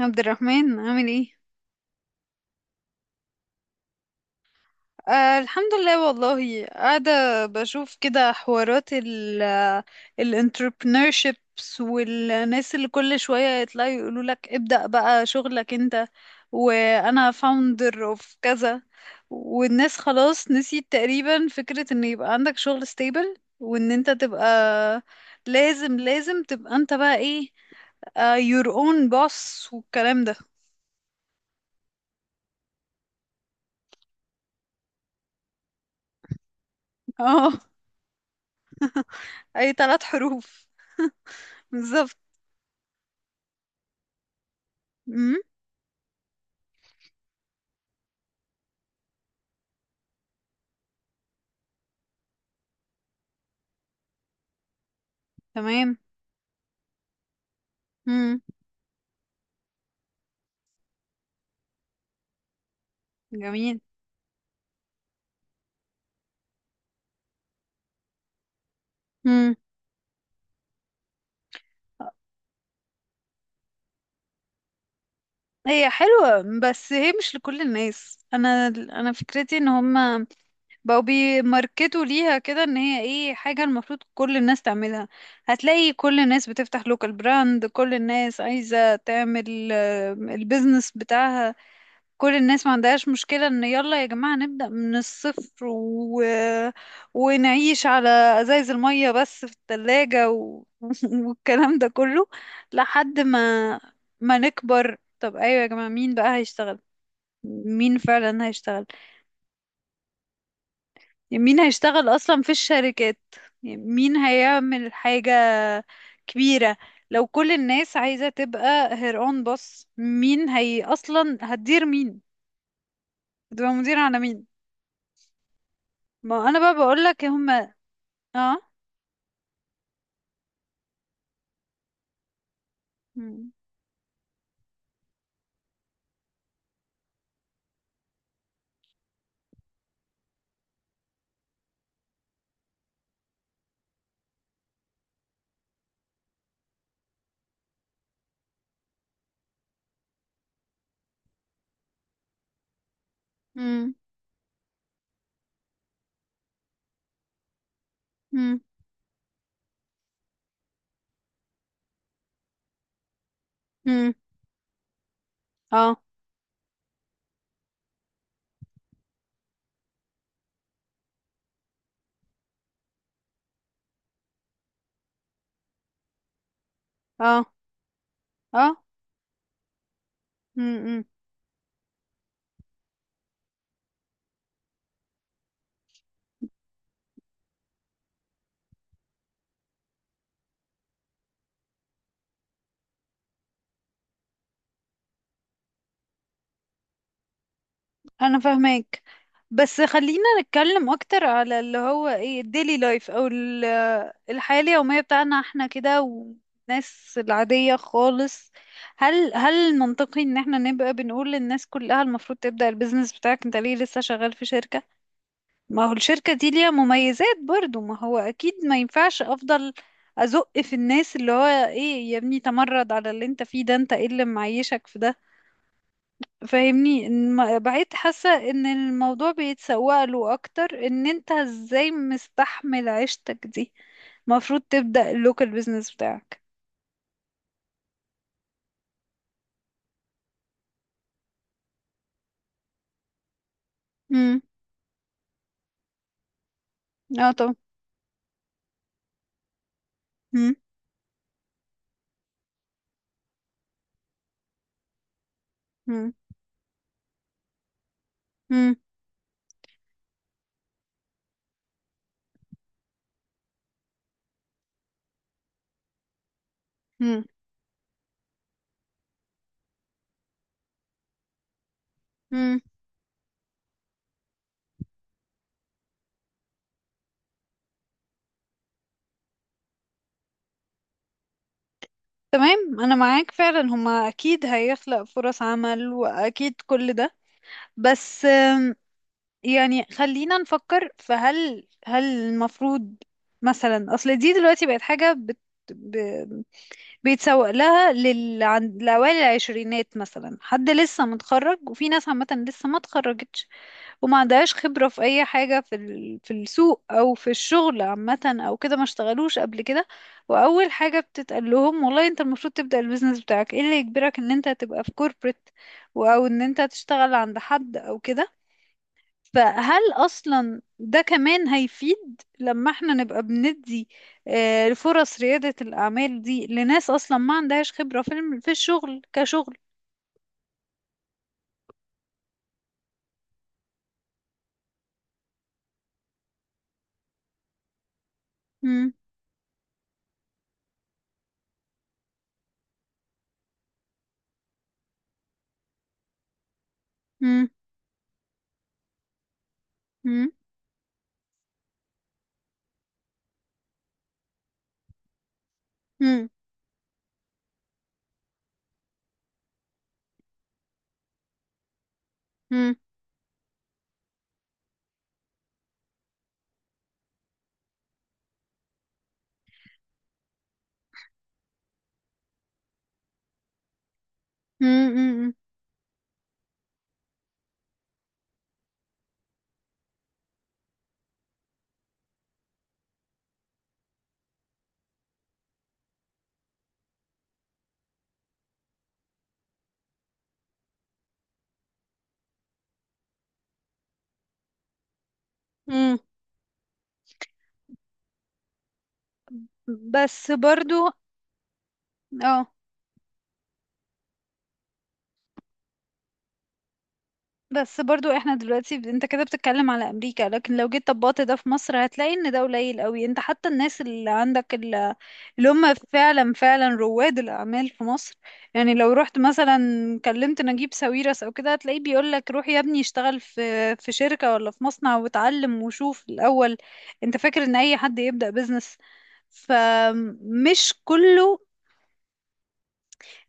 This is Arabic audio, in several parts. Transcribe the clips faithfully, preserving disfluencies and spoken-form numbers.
عبد الرحمن عامل ايه؟ آه الحمد لله والله قاعدة بشوف كده حوارات ال الانتربرنوrships والناس اللي كل شوية يطلعوا يقولوا لك ابدأ بقى شغلك انت، وانا founder of كذا، والناس خلاص نسيت تقريبا فكرة ان يبقى عندك شغل stable، وان انت تبقى لازم لازم تبقى انت بقى ايه، آه your own boss والكلام ده اه. اي ثلاث حروف، بالظبط. تمام. امم، جميل. امم، هي حلوة بس هي مش لكل الناس. انا انا فكرتي ان هم بقوا بيماركتوا ليها كده، ان هي ايه، حاجة المفروض كل الناس تعملها. هتلاقي كل الناس بتفتح لوكال براند، كل الناس عايزة تعمل آه، البيزنس بتاعها، كل الناس ما عندهاش مشكلة ان يلا يا جماعة نبدأ من الصفر و... ونعيش على ازايز المية بس في التلاجة و... والكلام ده كله، لحد ما ما نكبر. طب ايوه يا جماعة، مين بقى هيشتغل؟ مين فعلا هيشتغل؟ يعني مين هيشتغل اصلا في الشركات؟ يعني مين هيعمل حاجة كبيرة؟ لو كل الناس عايزة تبقى هير اون بص، مين هي اصلا هتدير مين؟ هتبقى مدير على مين؟ ما انا بقى بقول لك هم. اه. مم. مم. مم. مم. اه. اه. اه. مم. مم. انا فاهمك، بس خلينا نتكلم اكتر على اللي هو ايه الديلي لايف او ال- الحياة اليومية بتاعنا احنا كده، والناس العادية خالص. هل هل منطقي ان احنا نبقى بنقول للناس كلها المفروض تبدأ البيزنس بتاعك؟ انت ليه لسه شغال في شركة؟ ما هو الشركة دي ليها مميزات برضو. ما هو أكيد ما ينفعش أفضل أزق في الناس اللي هو إيه يا ابني تمرد على اللي أنت فيه ده، أنت إيه اللي معيشك في ده. فاهمني، إن- ما- بقيت حاسة إن الموضوع بيتسوق له أكتر، إن أنت إزاي مستحمل عيشتك دي، المفروض تبدأ اللوكال بيزنس بتاعك. امم. اه طبعا. مم. مم. مم. مم. مم. تمام، أنا معاك فعلا، هما أكيد هيخلق فرص عمل وأكيد كل ده، بس يعني خلينا نفكر. فهل هل هل المفروض مثلا، اصل دي دلوقتي بقت حاجة بت... ب... بيتسوق لها لل... عن... لأوائل العشرينات مثلا، حد لسه متخرج، وفي ناس عامة لسه ما اتخرجتش وما عندهاش خبرة في أي حاجة في ال... في السوق أو في الشغل عامة، أو كده ما اشتغلوش قبل كده، وأول حاجة بتتقال لهم والله أنت المفروض تبدأ البيزنس بتاعك، إيه اللي يجبرك إن أنت تبقى في كوربريت، أو إن أنت تشتغل عند حد أو كده. فهل أصلا ده كمان هيفيد، لما احنا نبقى بندي آه، فرص ريادة الأعمال دي لناس أصلا ما عندهاش خبرة في الم- في الشغل كشغل؟ مم. مم. مم. مم. مم. مم. مم. مم. بس برضو. اه. بس برضو احنا دلوقتي ب... انت كده بتتكلم على امريكا، لكن لو جيت طبقت ده في مصر هتلاقي ان ده قليل قوي. انت حتى الناس اللي عندك ال- اللي هم فعلا فعلا رواد الاعمال في مصر، يعني لو رحت مثلا كلمت نجيب ساويرس او كده، هتلاقيه بيقول لك روح يا ابني اشتغل في في شركة ولا في مصنع واتعلم وشوف الاول. انت فاكر ان اي حد يبدأ بيزنس؟ فمش كله.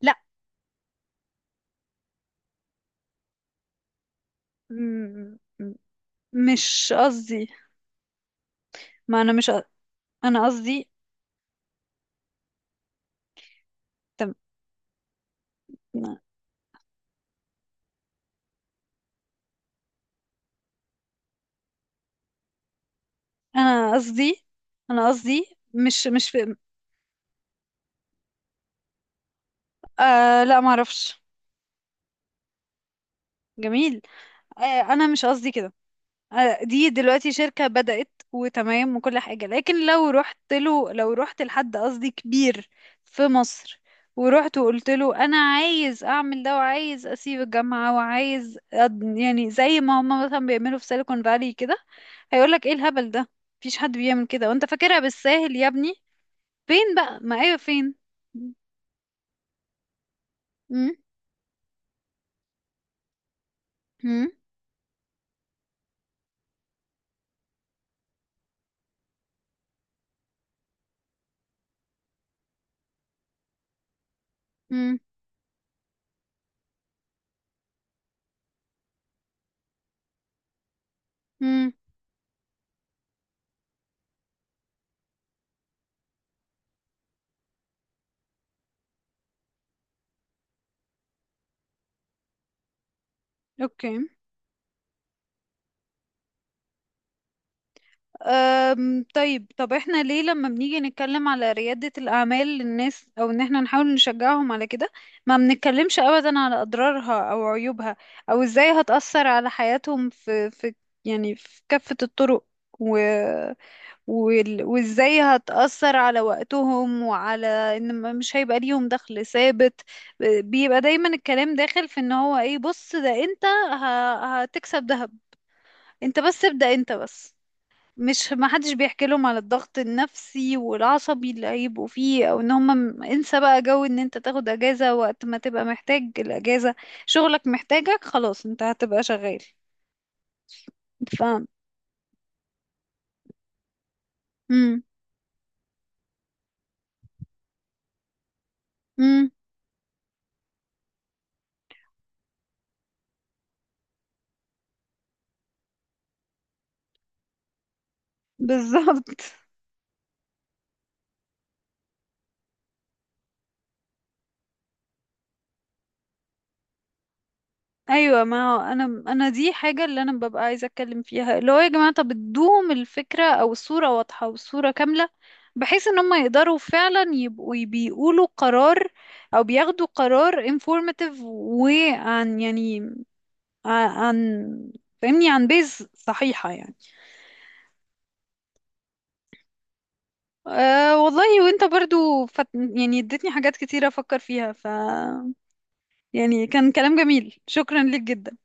لا. م- م- مش قصدي، ما انا مش ق- انا قصدي. تم- انا قصدي. انا قصدي مش مش في... آه لا ما اعرفش. جميل. آه انا مش قصدي كده. آه دي دلوقتي شركة بدأت وتمام وكل حاجة، لكن لو رحت له، لو رحت لحد قصدي كبير في مصر، ورحت وقلت له انا عايز اعمل ده وعايز اسيب الجامعة وعايز أد... يعني زي ما هم مثلا بيعملوا في سيليكون فالي كده، هيقولك ايه الهبل ده، مفيش حد بيعمل كده، وانت فاكرها بالساهل يا ابني. فين بقى، ما ايوه فين. م- م- امم. امم. اوكي. أم طيب، طب احنا ليه لما بنيجي نتكلم على ريادة الأعمال للناس، أو إن احنا نحاول نشجعهم على كده، ما بنتكلمش أبدا على أضرارها أو عيوبها، أو إزاي هتأثر على حياتهم في في يعني في كافة الطرق، و... وال- وإزاي هتأثر على وقتهم وعلى إن ما- مش هيبقى ليهم دخل ثابت. بيبقى دايما الكلام داخل في إن هو إيه، بص ده أنت ه... هتكسب دهب، انت بس ابدأ، انت بس. مش ما حدش بيحكي لهم على الضغط النفسي والعصبي اللي هيبقوا فيه، او ان هم م- انسى بقى جو ان انت تاخد اجازة وقت ما تبقى محتاج الاجازة. شغلك محتاجك خلاص، انت هتبقى شغال. فاهم. امم. امم. بالظبط، ايوه. ما هو انا، انا دي حاجه اللي انا ببقى عايزه اتكلم فيها، اللي هو يا جماعه طب ادوهم الفكره، او الصوره واضحه والصوره كامله، بحيث ان هم يقدروا فعلا يبقوا بيقولوا قرار، او بياخدوا قرار informative، وعن يعني عن عن- فاهمني، عن بيز صحيحه يعني. أه والله، وانت برضو فت... يعني اديتني حاجات كتيره افكر فيها، ف يعني كان كلام جميل، شكرا ليك جدا.